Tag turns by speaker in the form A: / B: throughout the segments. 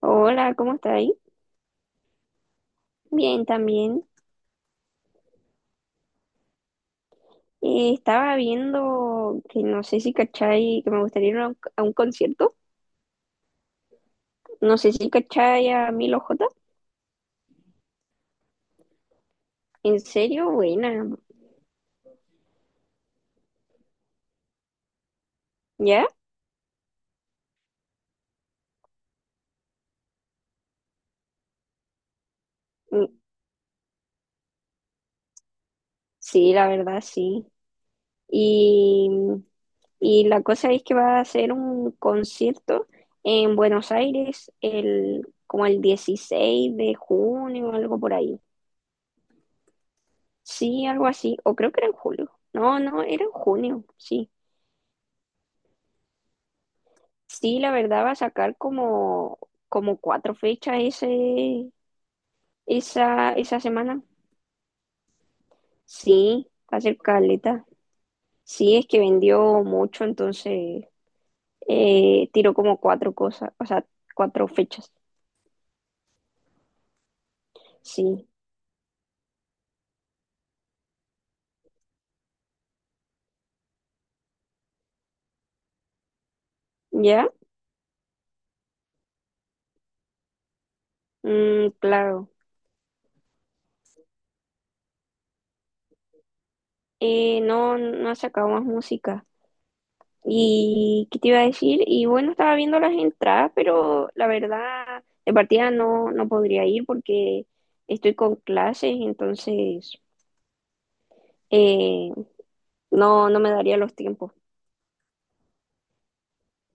A: Hola, ¿cómo está ahí? Bien, también. Estaba viendo que no sé si cachai, que me gustaría ir a un concierto. No sé si cachai a Milo J. En serio, buena. ¿Ya? Mm, sí, la verdad, sí. Y, y la cosa es que va a ser un concierto en Buenos Aires como el 16 de junio, algo por ahí. Sí, algo así. O creo que era en julio. No, era en junio, sí. Sí, la verdad va a sacar como cuatro fechas esa semana. Sí, va a ser caleta. Sí, es que vendió mucho, entonces tiró como cuatro cosas, o sea, cuatro fechas. Sí, ¿ya? Mm, claro. No, no ha sacado más música. ¿Y qué te iba a decir? Y bueno, estaba viendo las entradas, pero la verdad, de partida no podría ir porque estoy con clases, entonces Eh, no, no me daría los tiempos.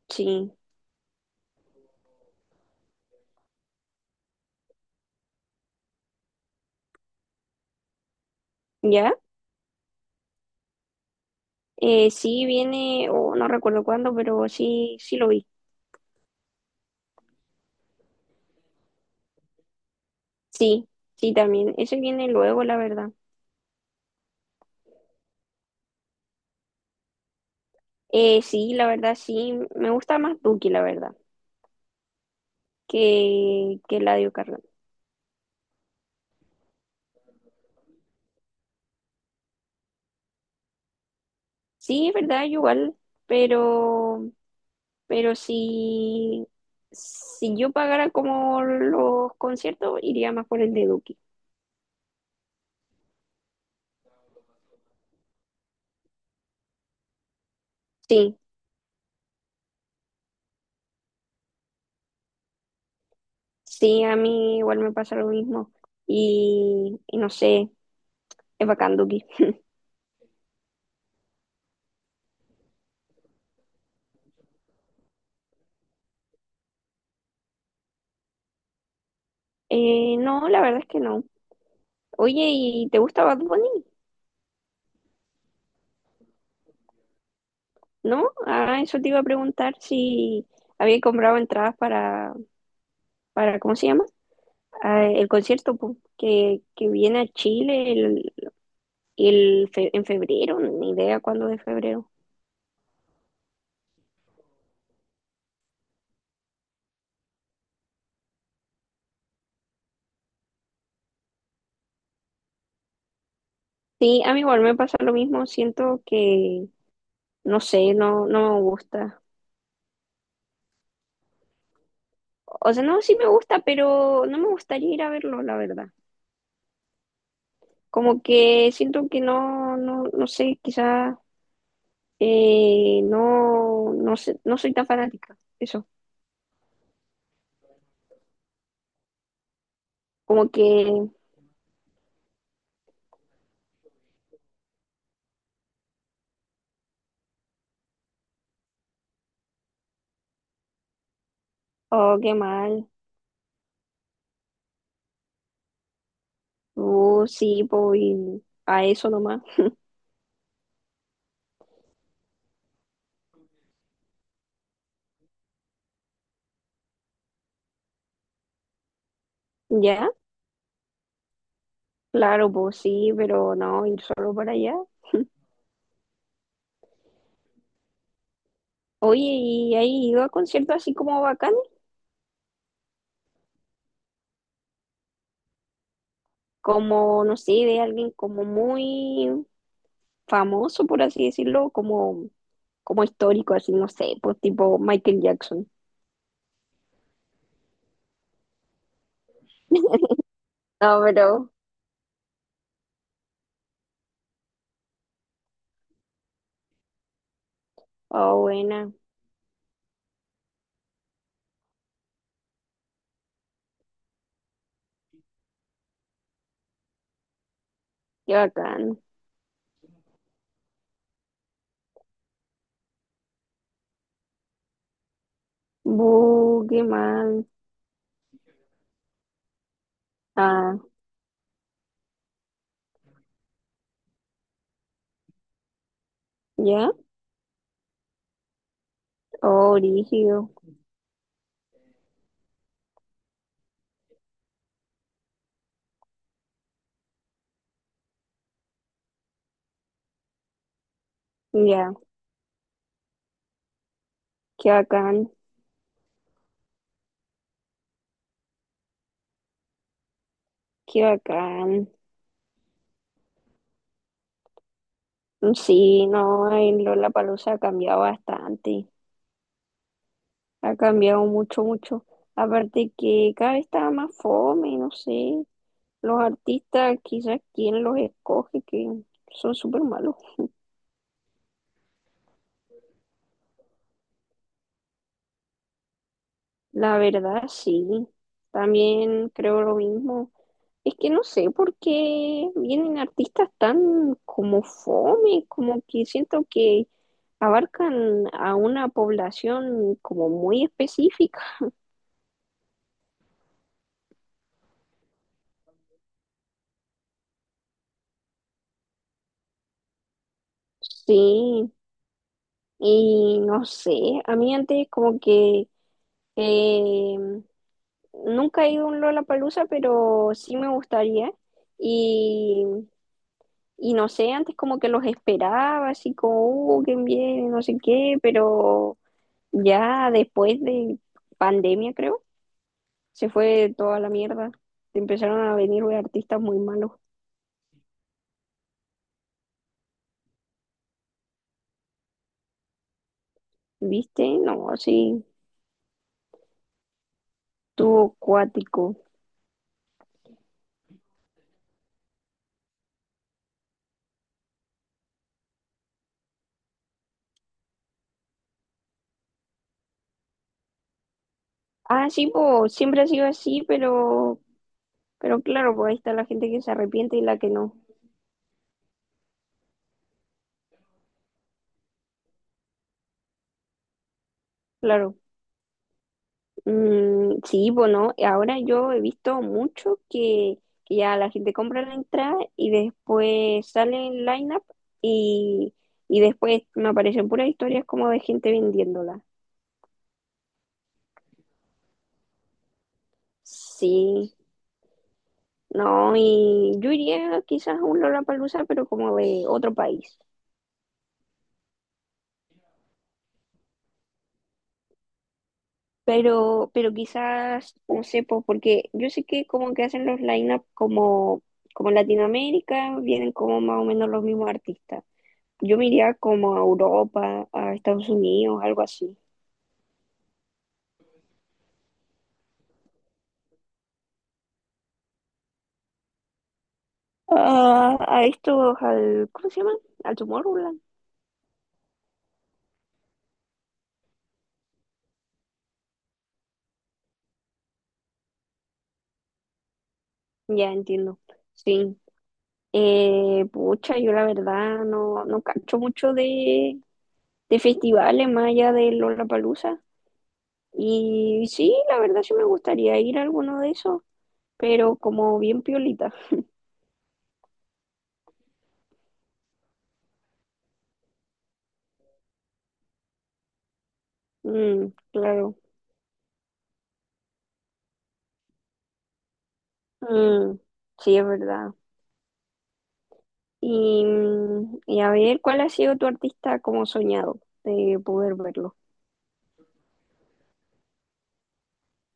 A: Sí, ¿ya? Sí viene, o no recuerdo cuándo, pero sí, sí lo vi. Sí, sí también. Ese viene luego, la verdad. Sí, la verdad, sí. Me gusta más Duki, la verdad, que Eladio Carrión. Sí, es verdad, yo igual, pero, pero si yo pagara como los conciertos, iría más por el de Duki. Sí, sí, a mí igual me pasa lo mismo. Y no sé, es bacán, Duki. No, la verdad es que no. Oye, ¿y te gusta Bad Bunny? ¿No? Ah, eso te iba a preguntar si había comprado entradas para ¿cómo se llama? Ah, el concierto po, que viene a Chile en febrero, ni idea cuándo de febrero. Sí, a mí igual me pasa lo mismo, siento que, no sé, no me gusta. O sea, no, sí me gusta, pero no me gustaría ir a verlo, la verdad. Como que siento que no sé, quizás no, no sé, no soy tan fanática. Eso. Como que, oh, qué mal. Sí, pues y a eso nomás. ¿Ya? Claro, pues sí, pero no, ir solo para allá. Oye, ¿y has ido a conciertos así como bacanes? Como, no sé, de alguien como muy famoso, por así decirlo, como, como histórico, así, no sé, pues tipo Michael Jackson. No, pero, oh, buena, qué bacán. Buh, qué mal. Ah, ¿ya? Oh, rígido. Ya, qué bacán, qué bacán. Sí, no, en Lollapalooza ha cambiado bastante. Ha cambiado mucho, mucho. Aparte que cada vez está más fome, no sé. Los artistas, quizás quien los escoge, que son súper malos. La verdad, sí. También creo lo mismo. Es que no sé por qué vienen artistas tan como fome, como que siento que abarcan a una población como muy específica. Sí, y no sé, a mí antes como que eh, nunca he ido a un Lollapalooza, pero sí me gustaría. Y, y no sé, antes como que los esperaba, así como, qué bien, no sé qué, pero ya después de pandemia, creo se fue toda la mierda. Empezaron a venir güey, artistas muy malos. ¿Viste? No, sí, tuvo cuático. Ah, sí, pues siempre ha sido así, pero claro, pues ahí está la gente que se arrepiente y la que no. Claro. Mm, sí, pues no. Ahora yo he visto mucho que ya la gente compra la entrada y después sale el line-up y, y después me aparecen puras historias como de gente vendiéndola. Sí. No, y yo iría quizás a un Lollapalooza, pero como de otro país. Pero quizás, no sé, pues, porque yo sé que como que hacen los line-up como, como Latinoamérica, vienen como más o menos los mismos artistas. Yo me iría como a Europa, a Estados Unidos, algo así. Ah, a estos, al, ¿cómo se llama? Al Tomorrowland. Ya entiendo. Sí. Pucha, yo la verdad no, no cacho mucho de festivales más allá de Lollapalooza. Y sí, la verdad sí me gustaría ir a alguno de esos, pero como bien piolita. Mm, claro. Mm, sí, es verdad. Y, mm, y a ver, ¿cuál ha sido tu artista como soñado de poder verlo?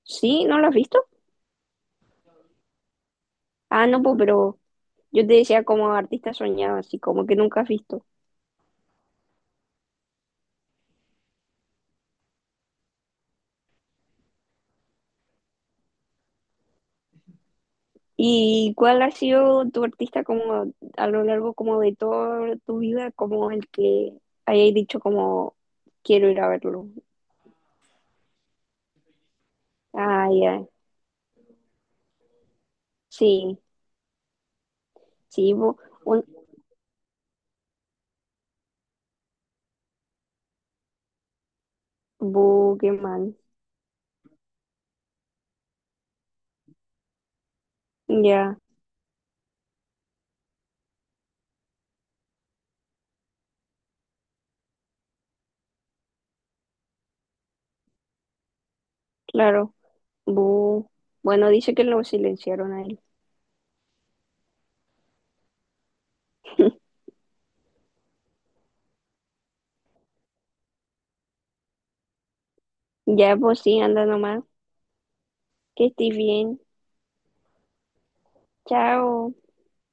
A: ¿Sí? ¿No lo has visto? Ah, no, pues, pero yo te decía como artista soñado, así como que nunca has visto. ¿Y cuál ha sido tu artista como a lo largo como de toda tu vida, como el que hayas dicho como quiero ir a verlo? Ay, ay. Sí, sí, bu, un Boogeyman. Ya, claro. Bu, bueno, dice que lo silenciaron a él. Ya, pues sí, anda nomás. Que estés bien. Chao.